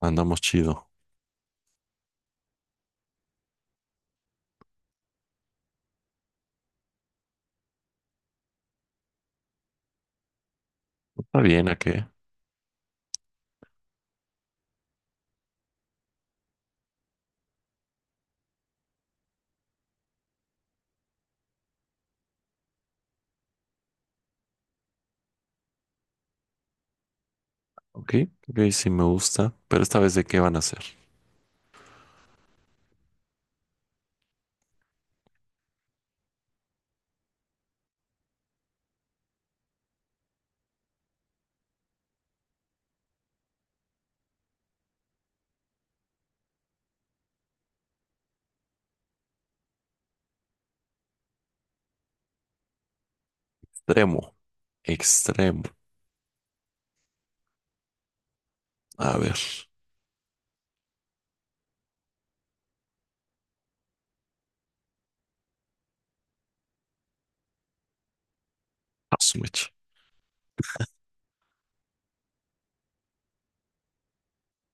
Andamos chido. Está bien, ¿a qué? Ok, ok, sí me gusta. Pero esta vez, ¿de qué van a hacer? Extremo, extremo. A ver, a su mecha.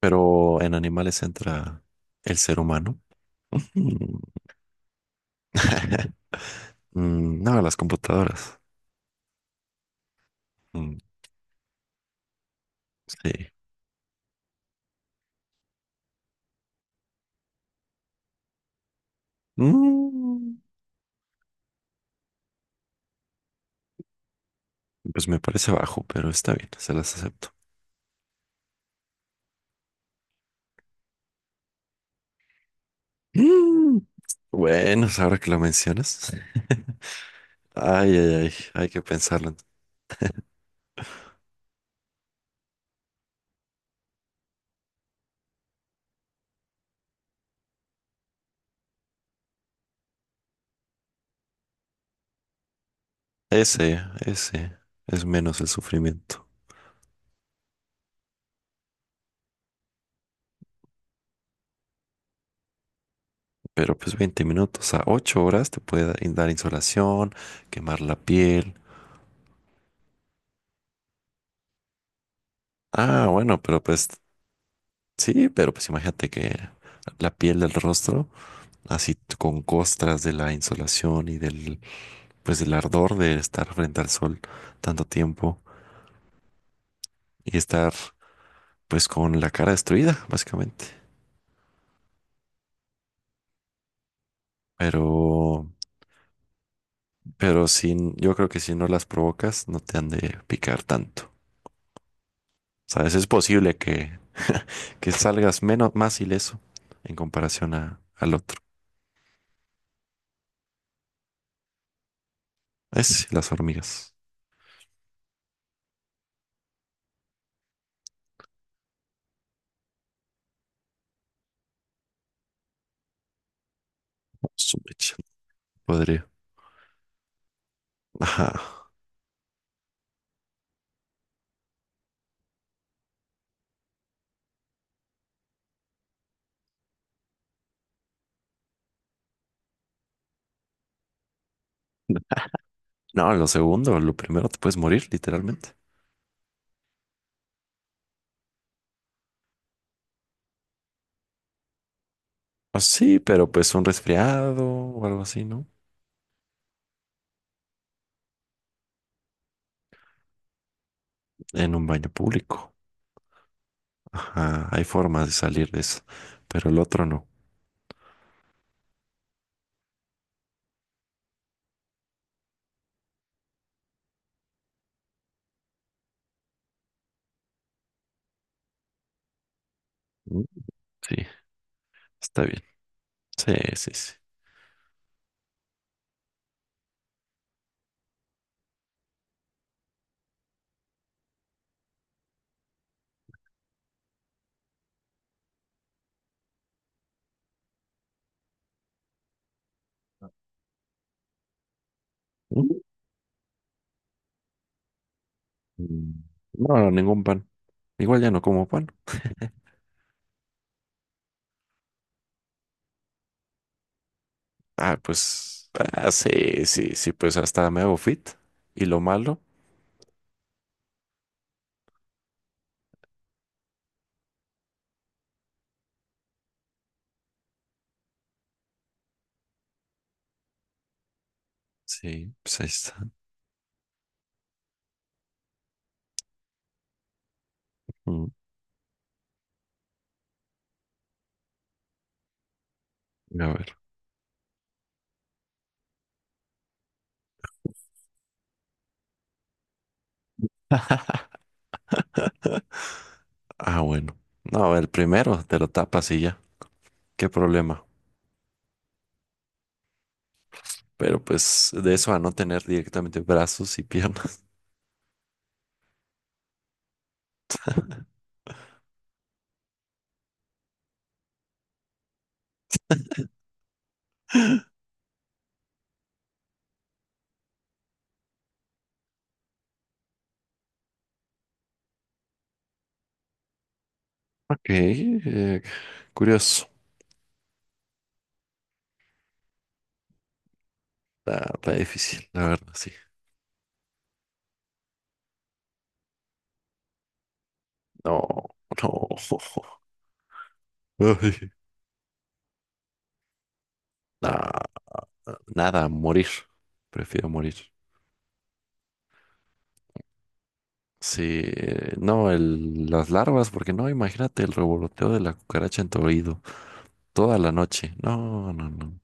Pero en animales entra el ser humano. Ujú. No, las computadoras. Mm, sí. Mm, Pues me parece bajo, pero está bien, se las acepto. Mm, Bueno, pues ahora que lo mencionas. Ay, ay, ay, hay que pensarlo. Ese es menos el sufrimiento. Pero pues 20 minutos a 8 horas te puede dar insolación, quemar la piel. Ah, bueno, pero pues sí, pero pues imagínate que la piel del rostro, así con costras de la insolación y del ardor de estar frente al sol tanto tiempo y estar pues con la cara destruida, básicamente. Pero, pero sin, yo creo que si no las provocas, no te han de picar tanto. ¿Sabes? Es posible que salgas menos, más ileso en comparación al otro. Es las hormigas. Su mecha. Podría. Ajá. No, lo segundo, lo primero te puedes morir, literalmente. Ah, sí, pero pues un resfriado o algo así, ¿no? En un baño público. Ajá, hay formas de salir de eso, pero el otro no. Mm, sí, está bien. Sí, sí, sí. Mm. Mm, No, ningún pan. Igual ya no como pan. Ah, pues, ah, sí, sí, sí, pues hasta me hago fit. Y lo malo, sí, pues ahí está. Mm, a ver. Ah, bueno. No, el primero te lo tapas y ya. Qué problema. Pero pues de eso a no tener directamente brazos y piernas. Ok, curioso. Está difícil, la verdad, sí. No, no. Ay, nah, nada, morir. Prefiero morir. Sí, no, las larvas, porque no, imagínate el revoloteo de la cucaracha en tu oído toda la noche. No, no, no.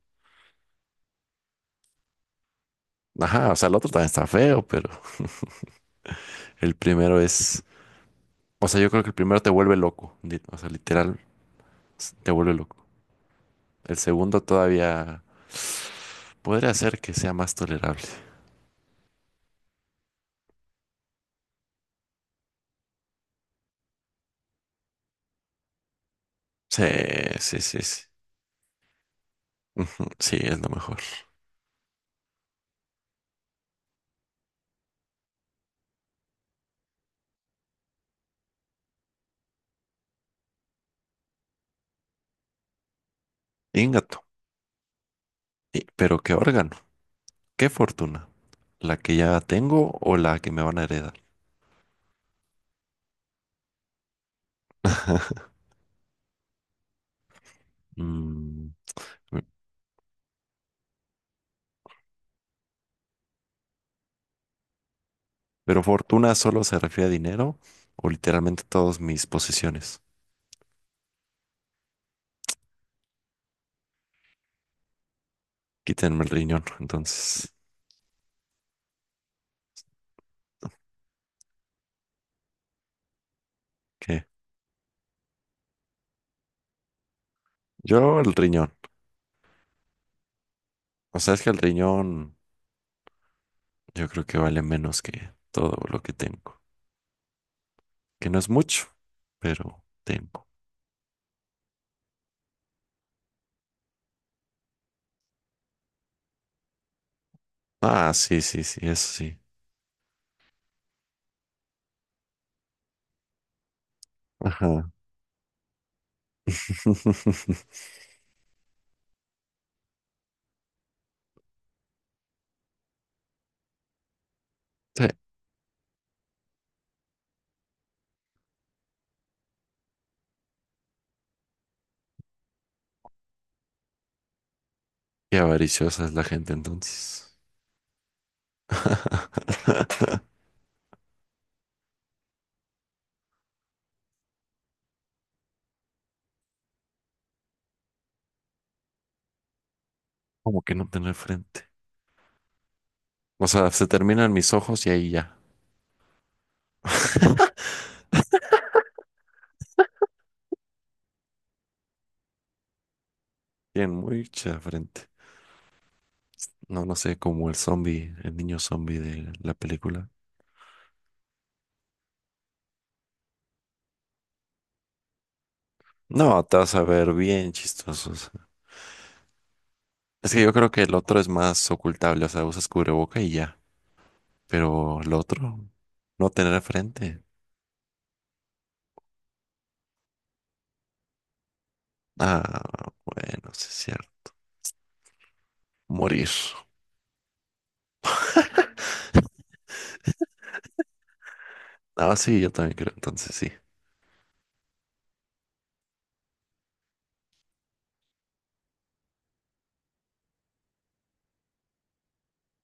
Ajá, o sea, el otro también está feo, pero el primero es, o sea, yo creo que el primero te vuelve loco, o sea, literal, te vuelve loco. El segundo todavía podría hacer que sea más tolerable. Sí, sí, sí, sí. Ujú, sí, es lo mejor. Ingato. Pero qué órgano, qué fortuna, la que ya tengo o la que me van a heredar. Mm, mm, pero fortuna solo se refiere a dinero o literalmente todas mis posesiones. Quítenme el riñón, entonces, ¿qué? Yo el riñón. O sea, es que el riñón yo creo que vale menos que todo lo que tengo. Que no es mucho, pero tengo. Ah, sí, sí, sí, eso sí. Ajá. Sí, qué avariciosa es la gente entonces. Como que no tener frente. O sea, se terminan mis ojos y ahí ya. Tienen mucha frente. No, no sé, como el zombie, el niño zombie de la película. No, te vas a ver bien chistoso, o sea. Es que yo creo que el otro es más ocultable, o sea, usas cubreboca y ya. Pero el otro, no tener frente. Ah, bueno, sí es cierto. Morir. Ah, sí, yo también creo, entonces sí,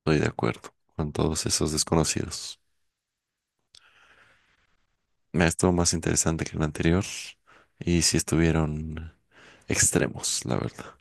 estoy de acuerdo con todos esos desconocidos. Me estuvo más interesante que el anterior y sí estuvieron extremos, la verdad.